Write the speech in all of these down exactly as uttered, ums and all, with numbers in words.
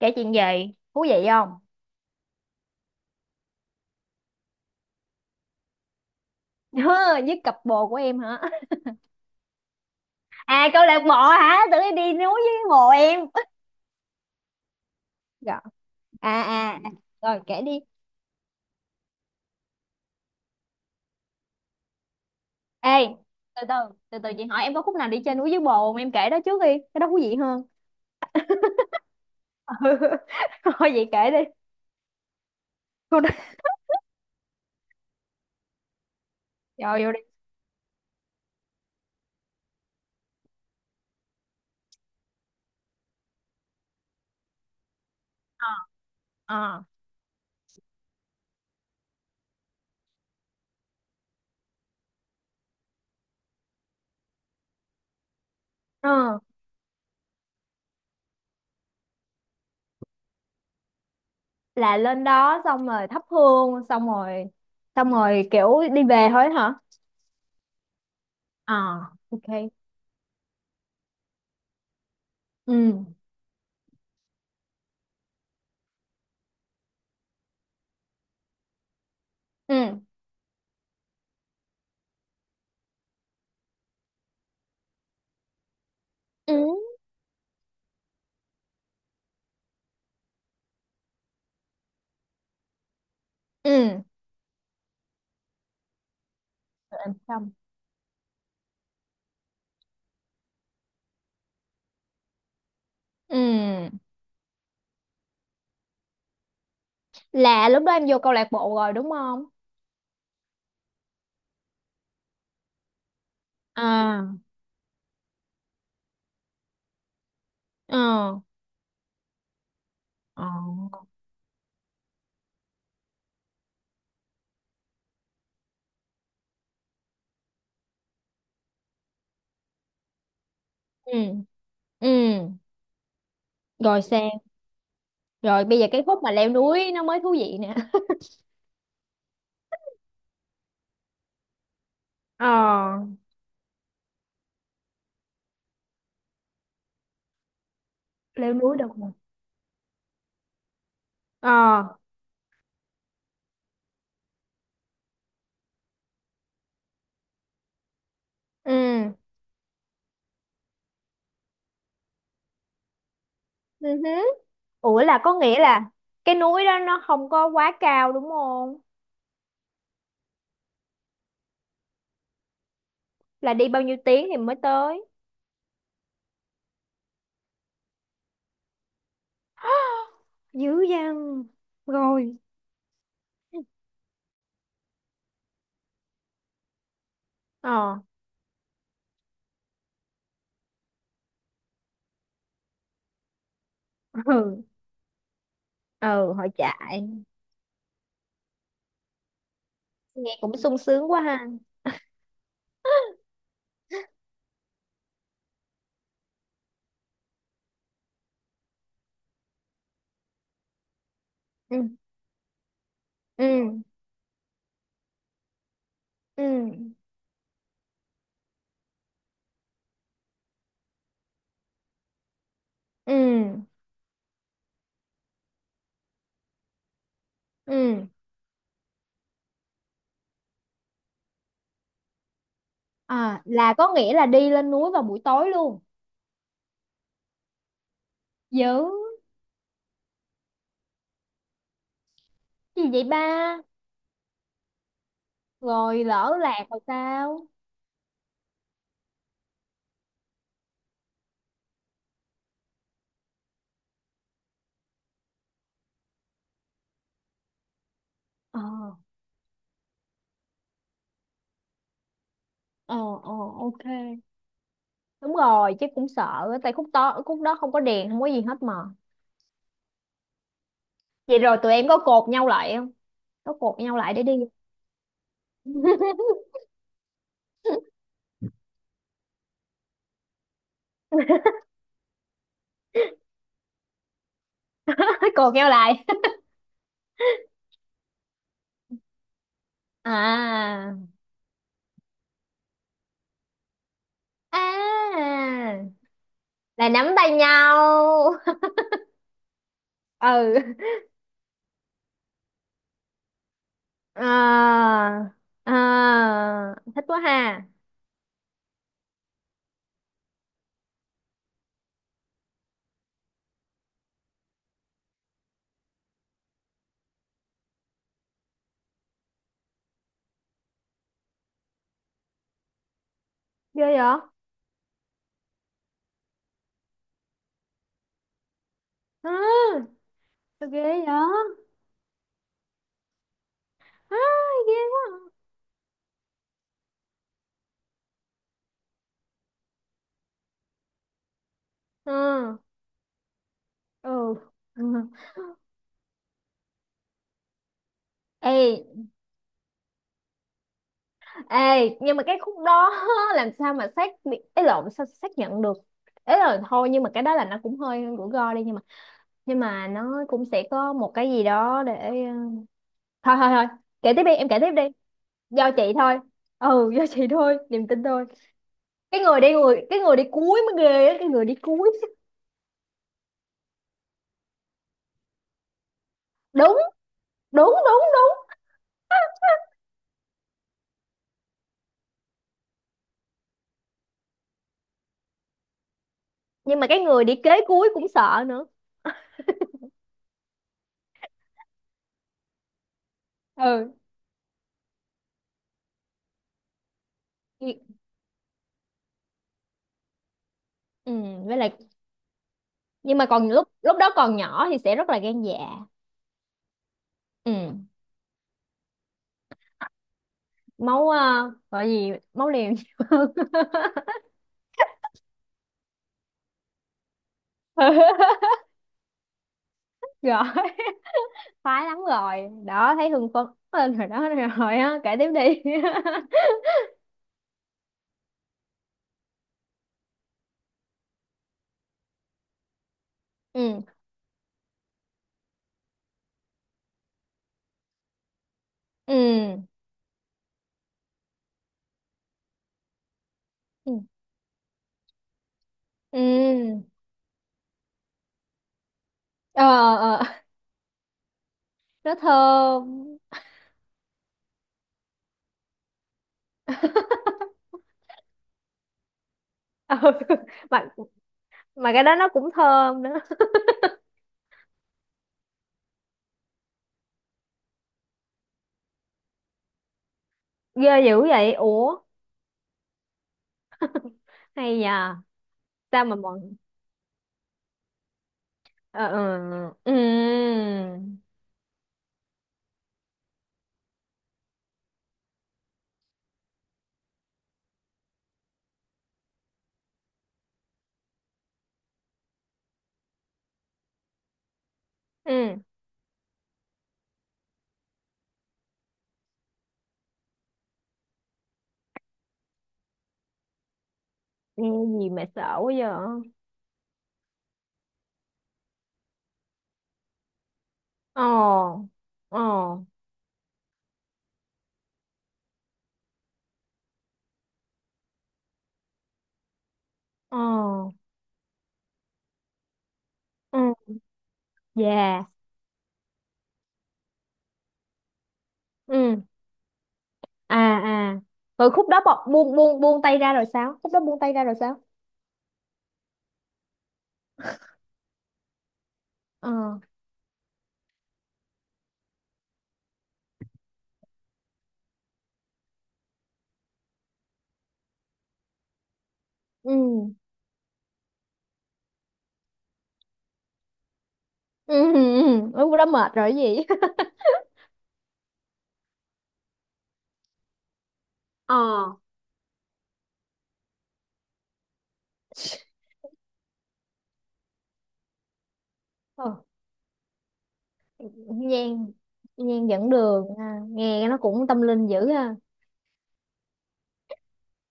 Kể chuyện gì thú vị không? Với cặp bồ của em hả? À, câu lạc bộ. Hả? Tự nhiên đi núi với bồ em. Dạ. À à à. Rồi kể đi. Ê, từ từ, từ từ chị hỏi em có khúc nào đi chơi núi với bồ không, em kể đó trước đi. Cái đó thú vị hơn. Ừ. Thôi vậy kể đi. Cô đó. Vô vô đi. Ờ, ờ. Ờ, là lên đó xong rồi thắp hương xong rồi xong rồi kiểu đi về thôi hả? Ờ. Ok. Ừ ừ ừ ừ. Rồi em xong. Ừ, là lúc đó em vô câu lạc bộ rồi đúng không? À. Ờ ờ. Ừ ừ. Rồi sang. Rồi bây giờ cái khúc mà leo núi nó mới thú vị nè. Ờ. Leo núi được mà. Ờ. Ừ. Ừ hứ. Ủa, là có nghĩa là cái núi đó nó không có quá cao đúng không? Là đi bao nhiêu tiếng thì mới tới? Dữ dằn. Rồi. Ờ. Ừ. Ừ, hội trại. Nghe cũng sung sướng quá ha. Ừ ừ ừ ừ. Ừ. À, là có nghĩa là đi lên núi vào buổi tối luôn. Dữ gì vậy ba? Rồi lỡ lạc rồi sao? Ờ, ờ, ờ, ok. Đúng rồi, chứ cũng sợ á, tại khúc to khúc đó không có đèn, không có gì hết mà. Vậy rồi tụi em có cột nhau lại không? Có cột nhau lại để đi. Cột nhau lại. À. À. Là nắm tay nhau. Ừ. À. À. Thích quá ha. Ghê vậy? À. Sao ghê vậy? À, ghê quá. Ừ. Ừ. Ừ. Ê, ê, nhưng mà cái khúc đó làm sao mà xác bị- ấy lộn sao xác nhận được. Ấy là thôi, nhưng mà cái đó là nó cũng hơi rủi ro đi, nhưng mà, nhưng mà nó cũng sẽ có một cái gì đó để ờ, thôi thôi thôi. Kể tiếp đi em, kể tiếp đi. Do chị thôi. Ừ, do chị thôi, niềm tin thôi. Cái người đi, người cái người đi cuối mới ghê á, cái người đi cuối. Đúng đúng đúng. Đúng nhưng mà cái người đi kế cuối cũng sợ nữa. Ừ. Ừ, với lại, nhưng mà còn lúc lúc đó còn nhỏ thì sẽ rất là gan dạ. Ừ, máu, uh, gọi gì, máu liều nhiều hơn. Rồi. Khoái lắm rồi đó, thấy hưng phấn lên rồi đó. Rồi á, kể tiếp đi. Ừ ừ ừ ừ. Ờ. Ờ, nó thơm. Ừ. mà mà cái đó nó cũng thơm nữa. Ghê dữ vậy ủa. Hay nhờ. Sao mà bọn. Ờ. Ừ ừ ừ. Nghe gì mà sợ quá giờ. Ồ. Ồ. Ồ. Ừ. Dạ. Ừ. À. À. Rồi khúc đó bọc buông buông buông tay ra rồi sao? Khúc đó buông tay ra rồi sao? Ờ. Ừ ừ ừ. Ừ, khúc đó mệt rồi cái gì. Ờ. Ờ, nhan. Nhan dẫn đường à, nghe nó cũng tâm linh dữ ha.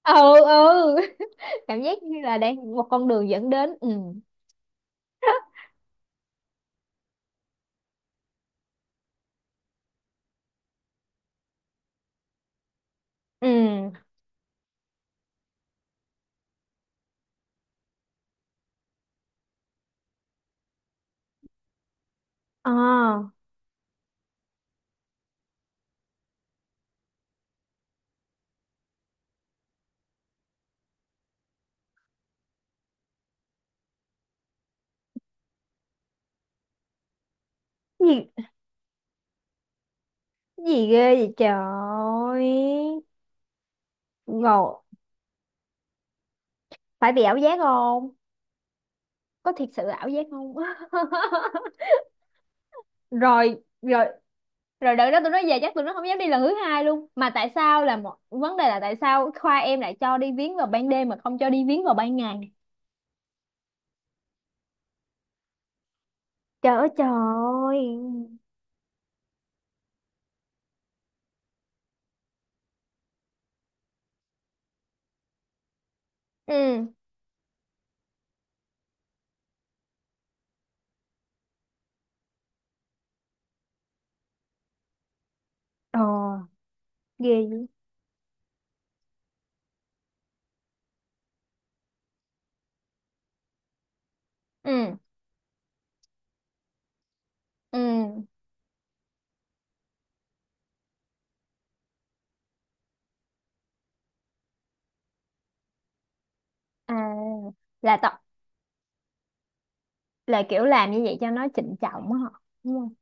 Ừ. Ừ. Cảm giác như là đang một con đường dẫn đến. Ừ. Ừ. Ờ. Gì, gì ghê vậy trời. Ngộ. Phải bị ảo giác không. Có thiệt sự ảo giác không? Rồi rồi. Rồi đợt đó tụi nó về chắc tụi nó không dám đi lần thứ hai luôn. Mà tại sao là một vấn đề là tại sao khoa em lại cho đi viếng vào ban đêm mà không cho đi viếng vào ban ngày? Trời ơi trời ơi. Ừ. Ờ, ghê dữ. Ừ. Ừ. À, là tập, là kiểu làm như vậy cho nó trịnh trọng á họ đúng không?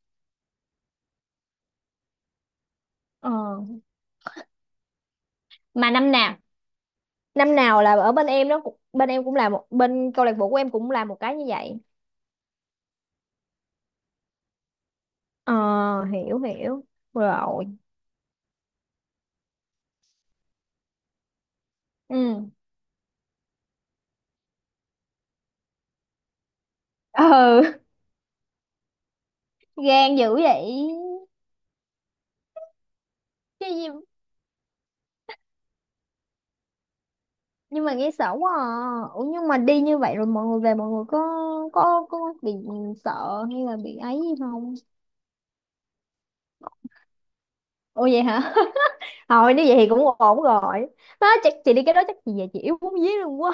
Ờ. Mà năm nào, năm nào là ở bên em nó cũng bên em cũng là một, bên câu lạc bộ của em cũng làm một cái như vậy. Ờ, hiểu hiểu. Rồi. Ừ. Ừ. Gan dữ vậy. chứ gì- nhưng mà nghe sợ quá à. Ủa, nhưng mà đi như vậy rồi mọi người về mọi người có có có bị sợ hay là bị ấy gì không? Ủa vậy hả. Thôi nếu vậy thì cũng ổn rồi. Đó chắc chị đi cái đó chắc chị về chị yếu bún dí luôn quá.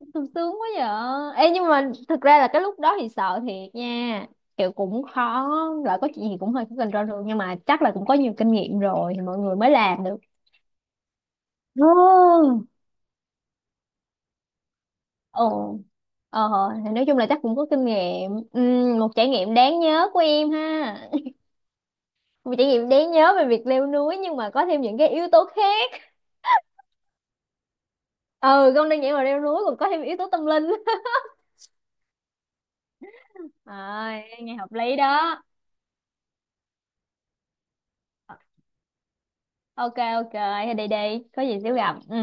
Sung sướng quá vậy. Ê, nhưng mà thực ra là cái lúc đó thì sợ thiệt nha, kiểu cũng khó, là có chuyện gì cũng hơi có control được, nhưng mà chắc là cũng có nhiều kinh nghiệm rồi thì mọi người mới làm được. Ồ, ờ, thì nói chung là chắc cũng có kinh nghiệm. Ừm, một trải nghiệm đáng nhớ của em ha. Một trải nghiệm đáng nhớ về việc leo núi nhưng mà có thêm những cái yếu tố khác. Ừ, không đơn giản là leo núi còn có thêm yếu tố tâm linh. À, nghe hợp lý đó. Ờ, ok, ok, thì đi đi, có gì xíu gặp. Ừ.